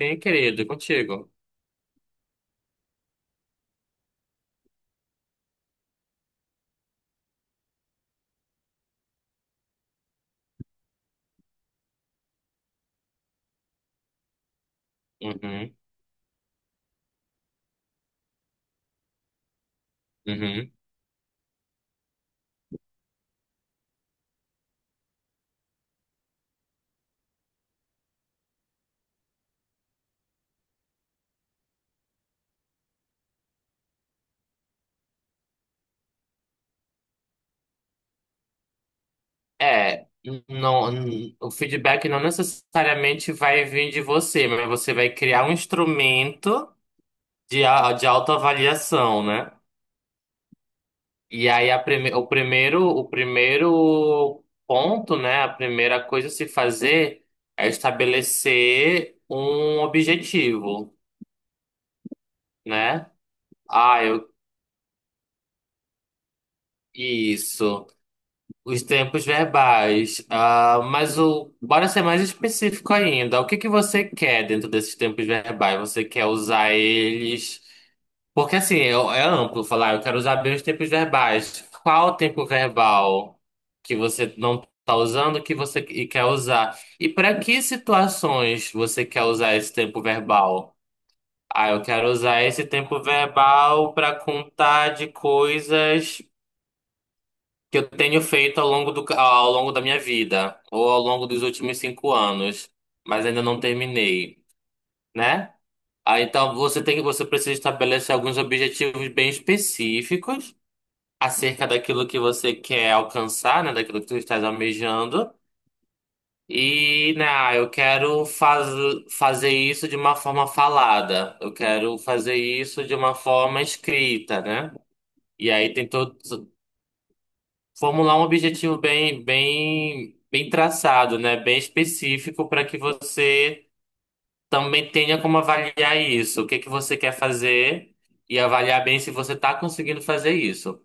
Sim, querido, contigo. Uhum, uhum. É, o feedback não necessariamente vai vir de você, mas você vai criar um instrumento de, de autoavaliação, né? E aí a prime, o primeiro ponto, né? A primeira coisa a se fazer é estabelecer um objetivo, né? Ah, eu, isso. Os tempos verbais. Bora ser mais específico ainda. O que que você quer dentro desses tempos verbais? Você quer usar eles? Porque assim, é amplo falar, eu quero usar bem os tempos verbais. Qual o tempo verbal que você não está usando que você quer usar? E para que situações você quer usar esse tempo verbal? Ah, eu quero usar esse tempo verbal para contar de coisas que eu tenho feito ao longo ao longo da minha vida, ou ao longo dos últimos cinco anos, mas ainda não terminei, né? Ah, então você precisa estabelecer alguns objetivos bem específicos acerca daquilo que você quer alcançar, né? Daquilo que você está almejando. E, né, fazer isso de uma forma falada, eu quero fazer isso de uma forma escrita, né? E aí formular um objetivo bem traçado, né? Bem específico para que você também tenha como avaliar isso. O que que você quer fazer e avaliar bem se você está conseguindo fazer isso.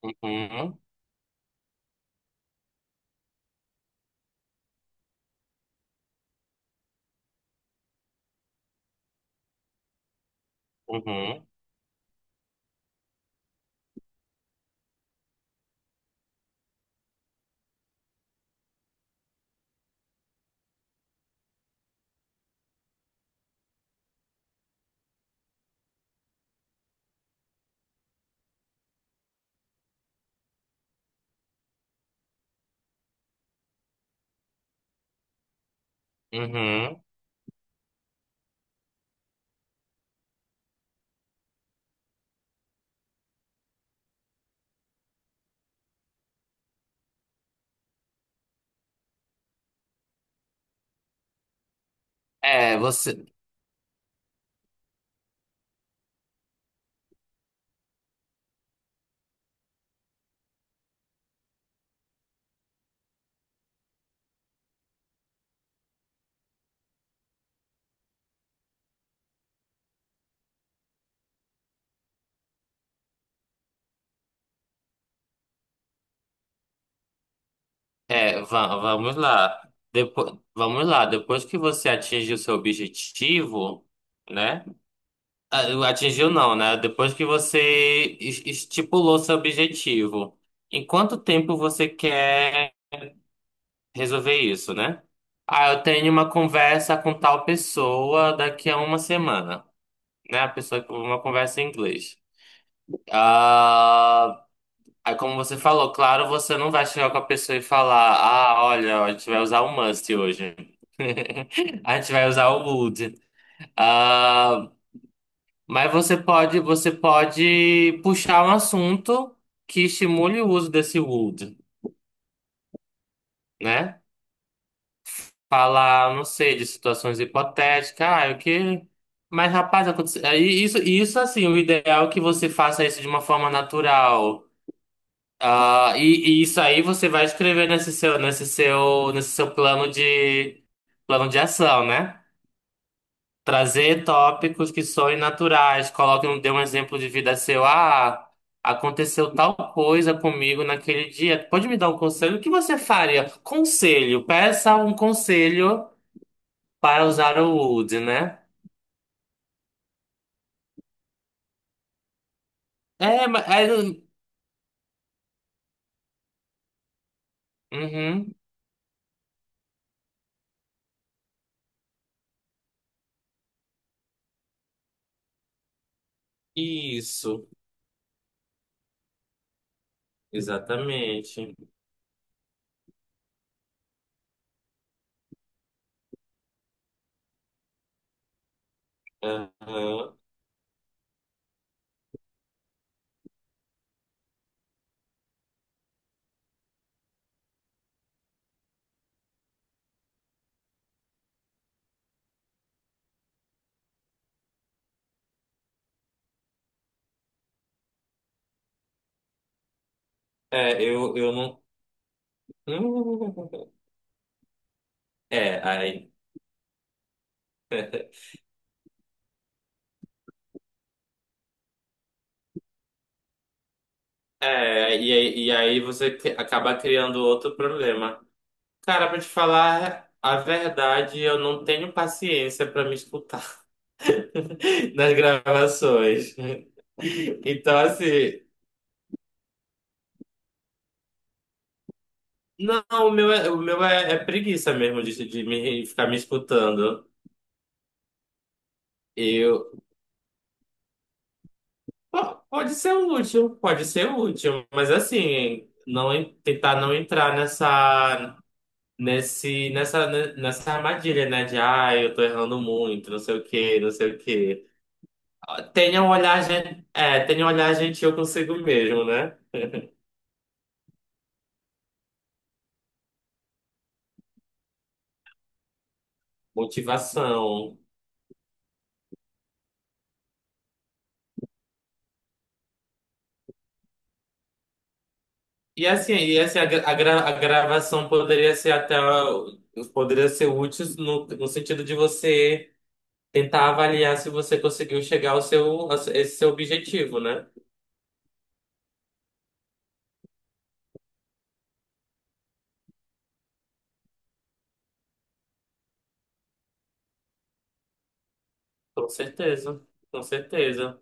Uhum, uhum, uhum. É, você, Vamos lá. Vamos lá. Depois que você atinge o seu objetivo, né? Ah, atingiu não, né? Depois que você estipulou seu objetivo, em quanto tempo você quer resolver isso, né? Ah, eu tenho uma conversa com tal pessoa daqui a uma semana, né? A pessoa com uma conversa em inglês. Ah, aí como você falou, claro, você não vai chegar com a pessoa e falar, ah, olha, a gente vai usar o must hoje. A gente vai usar o would. Ah, mas você pode puxar um assunto que estimule o uso desse would, né? Falar, não sei, de situações hipotéticas, ah, o que. Mas, rapaz, aconteceu. Aí Isso assim, o ideal é que você faça isso de uma forma natural. Ah, e isso aí você vai escrever nesse seu plano de ação, né? Trazer tópicos que soem naturais. Coloque, dê um exemplo de vida seu. Ah, aconteceu tal coisa comigo naquele dia. Pode me dar um conselho? O que você faria? Conselho. Peça um conselho para usar o would, né? É, mas... é, uhum, isso. Exatamente. Aham. Eu não... É, aí... E aí você acaba criando outro problema. Cara, pra te falar a verdade, eu não tenho paciência pra me escutar nas gravações. Então, assim, não, é preguiça mesmo de me, ficar me escutando. Eu, Pode ser útil, pode ser útil, mas assim, tentar não entrar nesse, nessa, nessa armadilha, né? De, ah, eu tô errando muito, não sei o quê, não sei o quê. Tenham um olhar, gen- é, Tenha um eu consigo mesmo, né? Motivação. E assim a gravação poderia ser útil no, no sentido de você tentar avaliar se você conseguiu chegar ao seu a esse seu objetivo, né? Com certeza, com certeza.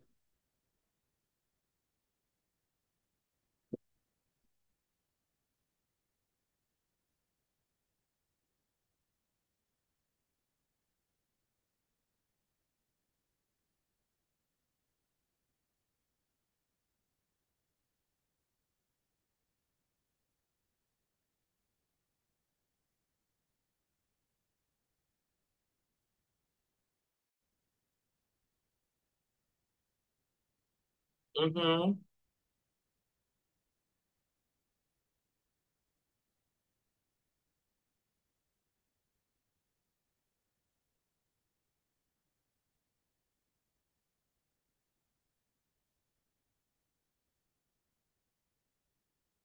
Uhum.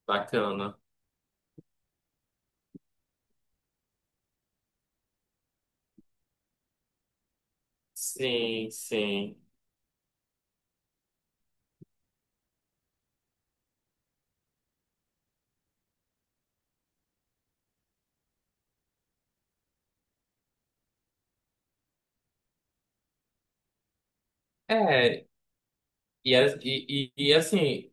Bacana. Sim, sim. É, e, a- e, e assim,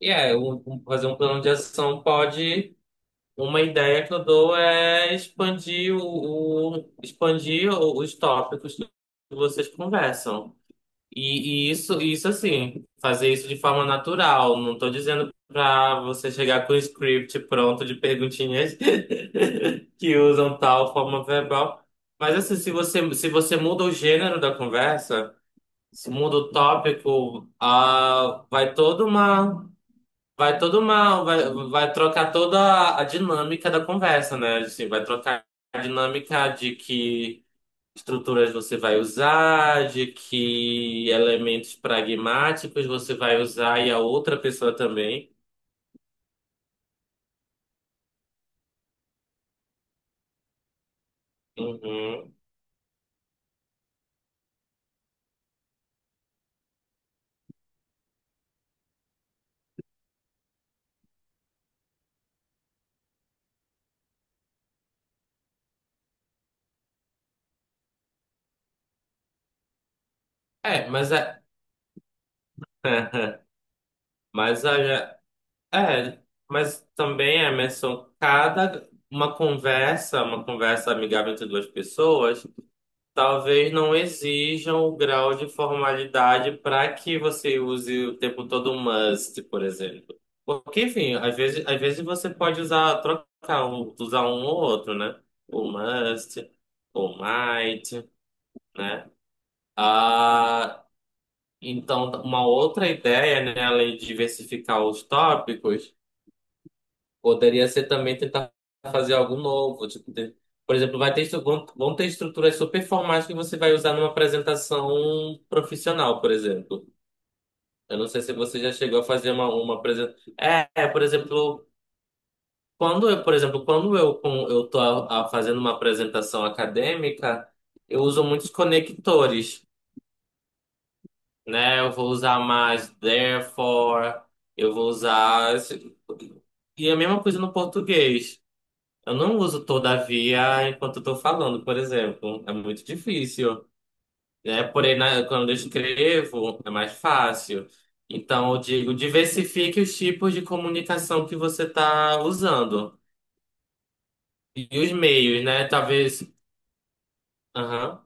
e é, um- um- Fazer um plano de ação pode. Uma ideia que eu dou é expandir expandir os tópicos que vocês conversam. E, isso assim, fazer isso de forma natural. Não estou dizendo para você chegar com o script pronto de perguntinhas que usam tal forma verbal. Mas assim, se você muda o gênero da conversa, se muda o tópico, ah, vai toda uma vai todo mal, vai trocar toda a dinâmica da conversa, né? Assim, vai trocar a dinâmica de que estruturas você vai usar, de que elementos pragmáticos você vai usar e a outra pessoa também. Uhum. É, mas é, mas é, é, mas também, Emerson, uma conversa amigável entre duas pessoas talvez não exijam o grau de formalidade para que você use o tempo todo o must, por exemplo. Porque, enfim, às vezes você pode usar, usar um ou outro, né? O must, o might, né? Ah, então, uma outra ideia, né, além de diversificar os tópicos, poderia ser também tentar fazer algo novo, por exemplo, vai ter, vão ter estruturas super formais que você vai usar numa apresentação profissional, por exemplo. Eu não sei se você já chegou a fazer uma apresentação. Por exemplo, quando eu, eu tô fazendo uma apresentação acadêmica, eu uso muitos conectores, né? Eu vou usar mais therefore, eu vou usar... esse- e a mesma coisa no português. Eu não uso todavia enquanto eu tô falando, por exemplo. É muito difícil, né? Porém, quando eu escrevo, é mais fácil. Então, eu digo, diversifique os tipos de comunicação que você está usando. E os meios, né? Talvez. Aham.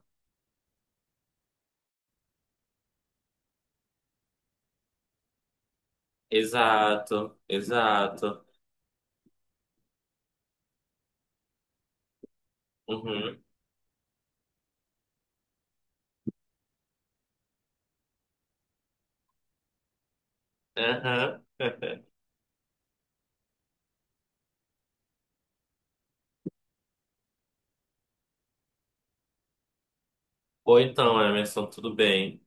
Exato, exato. Uhum. Aham. Ou então, Emerson, tudo bem.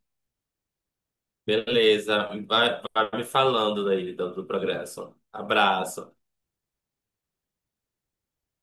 Beleza. Vai me falando daí do progresso. Abraço.